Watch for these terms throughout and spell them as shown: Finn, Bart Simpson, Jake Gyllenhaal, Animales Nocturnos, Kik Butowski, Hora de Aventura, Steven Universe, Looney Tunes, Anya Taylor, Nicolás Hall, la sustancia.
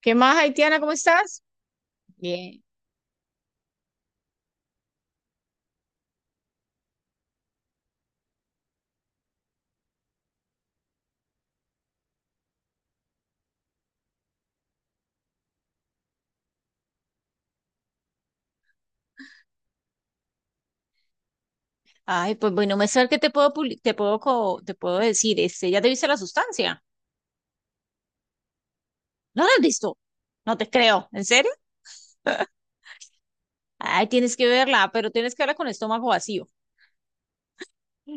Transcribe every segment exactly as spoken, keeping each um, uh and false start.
¿Qué más, Haitiana? ¿Cómo estás? Bien. Ay, pues bueno, me saber que te puedo publi- te puedo co- te puedo decir, este, ¿ya te viste la sustancia? ¿No la has visto? No te creo. ¿En serio? Ay, tienes que verla, pero tienes que verla con estómago vacío.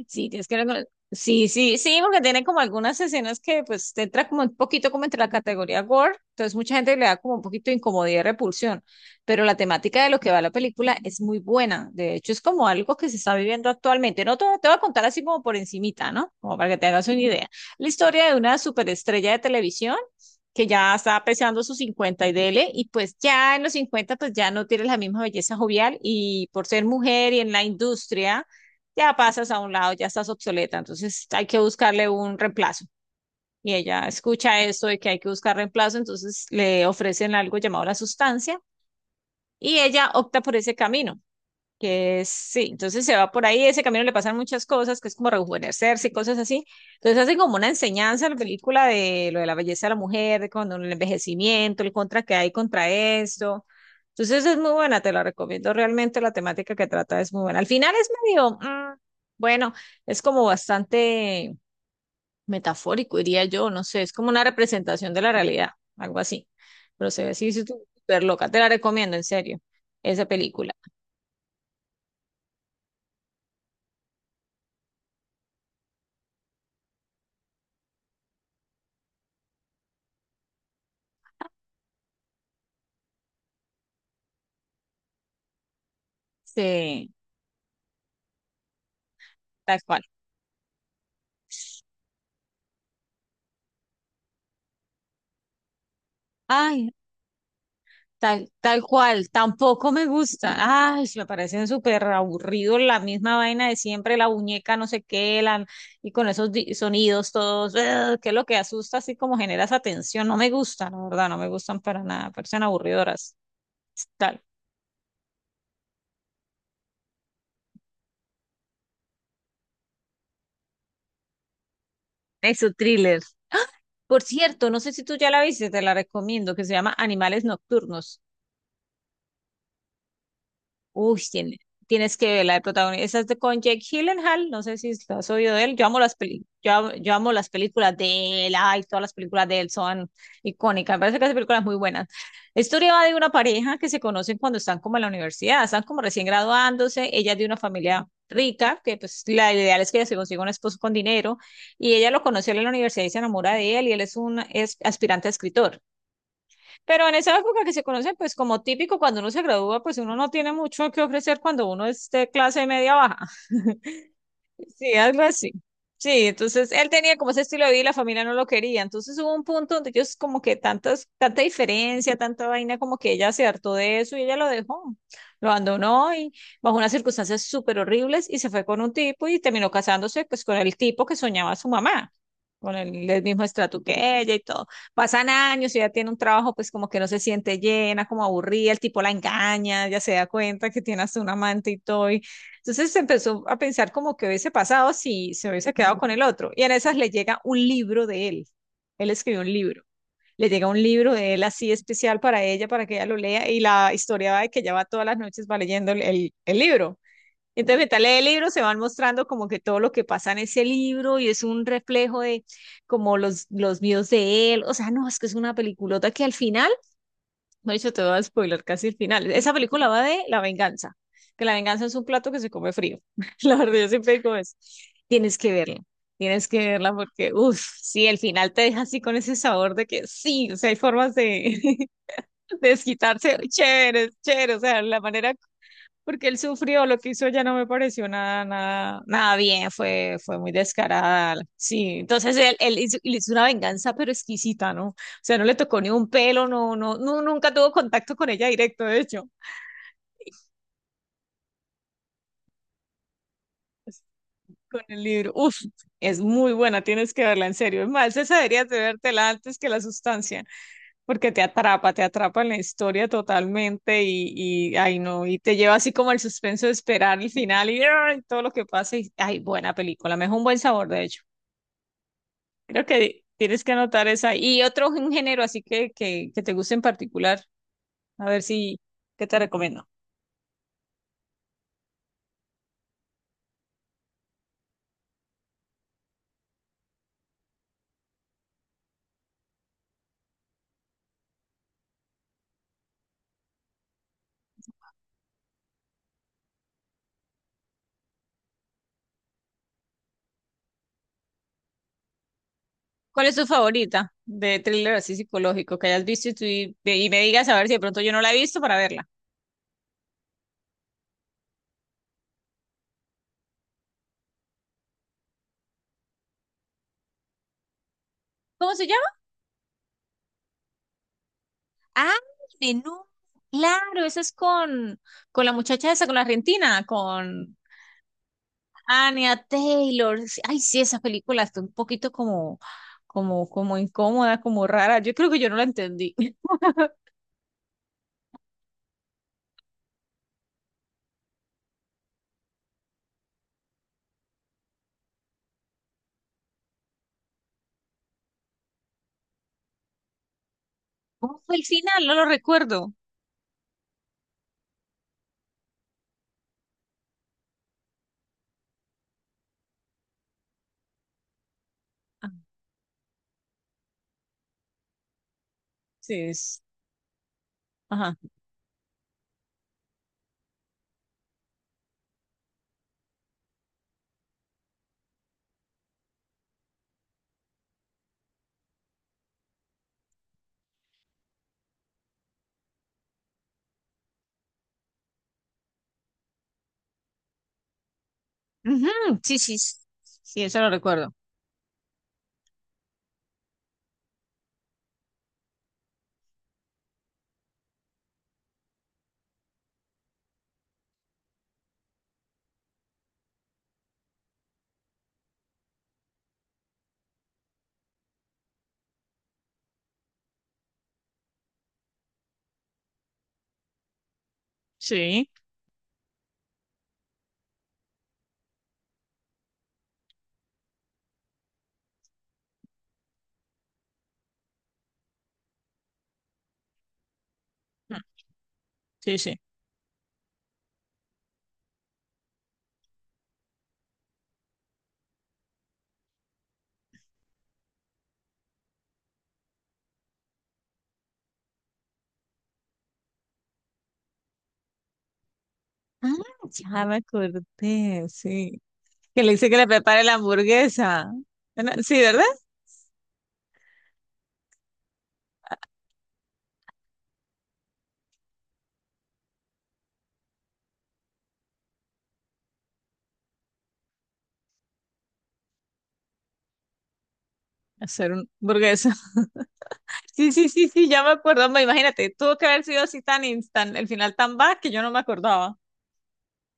Sí, tienes que recono- sí, sí, sí, porque tiene como algunas escenas que pues te entra como un poquito como entre la categoría gore, entonces mucha gente le da como un poquito de incomodidad y repulsión, pero la temática de lo que va la película es muy buena, de hecho es como algo que se está viviendo actualmente, no te, te voy a contar así como por encimita, ¿no? Como para que te hagas una idea. La historia de una superestrella de televisión que ya está pesando sus cincuenta y dele, y pues ya en los cincuenta pues ya no tiene la misma belleza jovial y por ser mujer y en la industria ya pasas a un lado, ya estás obsoleta, entonces hay que buscarle un reemplazo. Y ella escucha esto de que hay que buscar reemplazo, entonces le ofrecen algo llamado la sustancia y ella opta por ese camino. Que es- sí, entonces se va por ahí, ese camino le pasan muchas cosas, que es como rejuvenecerse y cosas así. Entonces hacen como una enseñanza a la película de lo de la belleza de la mujer, de cuando el envejecimiento, el contra que hay contra esto. Entonces es muy buena, te la recomiendo realmente, la temática que trata es muy buena. Al final es medio, mm, bueno, es como bastante metafórico, diría yo, no sé, es como una representación de la realidad, algo así. Pero se ve así, súper loca, te la recomiendo, en serio, esa película. Sí, tal cual. Ay, tal, tal cual, tampoco me gusta. Ay, me parecen súper aburridos la misma vaina de siempre, la muñeca no sé qué, la, y con esos di- sonidos todos, ugh, que es lo que asusta, así como genera esa tensión. No me gustan, la verdad, no me gustan para nada, parecen aburridoras. Tal. Eso, thriller. Por cierto, no sé si tú ya la viste, te la recomiendo, que se llama Animales Nocturnos. Uy, tiene- tienes que ver la de protagonista. Esa es de con Jake Gyllenhaal. No sé si lo has oído de él. Yo amo las peli, yo, am- yo amo las películas de él. Ay, todas las películas de él son icónicas. Me parece que hace películas muy buenas. La historia va de una pareja que se conocen cuando están como en la universidad. Están como recién graduándose. Ella es de una familia rica, que pues la ideal es que ella se consiga un esposo con dinero. Y ella lo conoció en la universidad y se enamora de él. Y él es un es aspirante a escritor. Pero en esa época que se conocen, pues como típico, cuando uno se gradúa, pues uno no tiene mucho que ofrecer cuando uno es de clase media baja. Sí, algo así. Sí, entonces él tenía como ese estilo de vida y la familia no lo quería. Entonces hubo un punto donde ellos como que tantas, tanta diferencia, tanta vaina, como que ella se hartó de eso y ella lo dejó. Lo abandonó y bajo unas circunstancias súper horribles y se fue con un tipo y terminó casándose pues con el tipo que soñaba su mamá, con el, el mismo estrato que ella y todo. Pasan años y ella tiene un trabajo pues como que no se siente llena, como aburrida, el tipo la engaña, ya se da cuenta que tiene hasta un amante y todo entonces se empezó a pensar como que hubiese pasado si se hubiese quedado con el otro. Y en esas le llega un libro de él. Él escribió un libro. Le llega un libro de él así especial para ella, para que ella lo lea. Y la historia va de que ella va todas las noches va leyendo el, el- el libro. Entonces, mientras lee el libro, se van mostrando como que todo lo que pasa en ese libro y es un reflejo de como los, los míos de él. O sea, no, es que es una peliculota que al final no, yo te voy a spoiler casi el final. Esa película va de la venganza, que la venganza es un plato que se come frío. La verdad, yo siempre digo eso. Tienes que verla, tienes que verla porque, uff, sí, el final te deja así con ese sabor de que sí, o sea, hay formas de, de desquitarse chéveres, chéveres, o sea, la manera porque él sufrió, lo que hizo ya no me pareció nada, nada, nada bien, fue, fue muy descarada. Sí, entonces él, él hizo, él hizo una venganza pero exquisita, ¿no? O sea, no le tocó ni un pelo, no, no, no, nunca tuvo contacto con ella directo, de hecho, con el libro. Uf, es muy buena, tienes que verla en serio. Es más, esa deberías de vértela antes que la sustancia, porque te atrapa, te atrapa en la historia totalmente y, y ay no, y te lleva así como el suspenso de esperar el final y, ay, todo lo que pasa. Y, ay, buena película, me dejó un buen sabor, de hecho. Creo que tienes que anotar esa. Y otro gen- género así que, que, que te guste en particular. A ver si, ¿qué te recomiendo? ¿Cuál es tu favorita de thriller así psicológico que hayas visto y, tú- y y me digas a ver si de pronto yo no la he visto para verla? ¿Cómo se llama? Ah, menú. Claro, esa es con, con la muchacha esa, con la argentina, con Anya Taylor. Sí, ay, sí, esa película está un poquito como, como, como incómoda, como rara. Yo creo que yo no la entendí. ¿Cómo fue el final? No lo recuerdo. Sí, es- ajá. Ujú, sí, sí, sí, sí, eso lo recuerdo. Sí, mm, sí, sí. Ah, ya me acordé, sí. Que le dice que le prepare la hamburguesa. Bueno, sí, ¿verdad? Hacer un hamburguesa. Sí, sí, sí, sí, ya me acuerdo. Me imagínate, tuvo que haber sido así tan instant, el final tan bad que yo no me acordaba.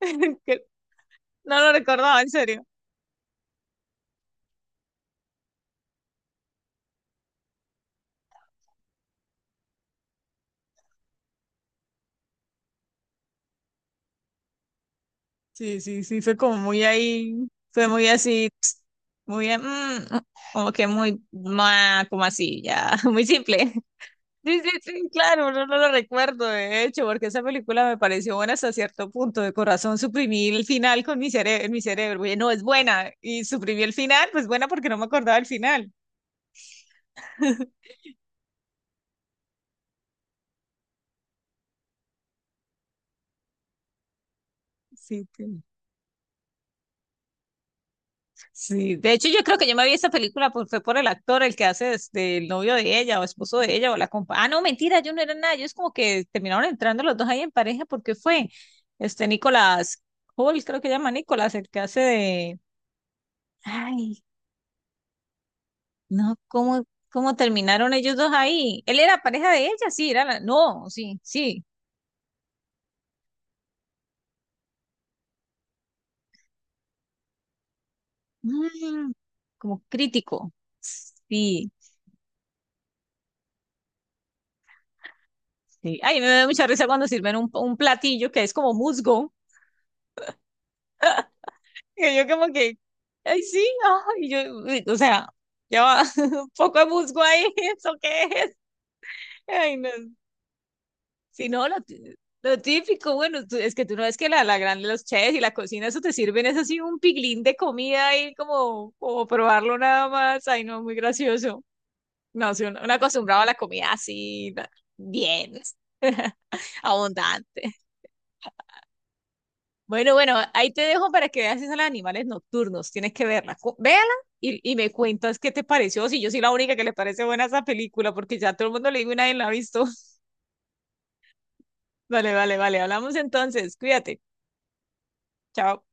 Que no lo recordaba, en serio. Sí, sí, sí, fue como muy ahí, fue muy así, muy mm, como que muy, ma como así, ya, muy simple. Sí, sí, sí, claro, no, no lo recuerdo, de hecho, porque esa película me pareció buena hasta cierto punto. De corazón suprimí el final con mi cerebro, mi cerebro. Oye, no, es buena. Y suprimí el final, pues buena porque no me acordaba el final. Sí, sí. Sí, de hecho, yo creo que yo me vi esa película por, fue por el actor, el que hace este, el novio de ella o esposo de ella o la compa. Ah, no, mentira, yo no era nada. Ellos como que terminaron entrando los dos ahí en pareja porque fue este Nicolás Hall, creo que llama Nicolás, el que hace de. Ay, no, ¿cómo, cómo terminaron ellos dos ahí? Él era pareja de ella, sí, era la... No, sí, sí. Mm, como crítico. Sí, sí. Ay, me da mucha risa cuando sirven un, un platillo que es como musgo. Y yo como que, ay, sí, ay, yo, o sea, ya va, un poco de musgo ahí, ¿eso qué es? Ay, no. Si no, lo, tí- lo típico, bueno, tú- es que tú no ves que la, la gran, los chefs y la cocina, eso te sirven, es así un piglín de comida ahí como, como probarlo nada más. Ay, no, muy gracioso. No, soy un, un acostumbrado a la comida así, na- bien, abundante. Bueno, bueno, ahí te dejo para que veas esos animales nocturnos. Tienes que verla. Cu- Véala y, y me cuentas qué te pareció. Si yo soy la única que le parece buena esa película, porque ya todo el mundo le digo y nadie la ha visto. Vale, vale, vale. Hablamos entonces. Cuídate. Chao.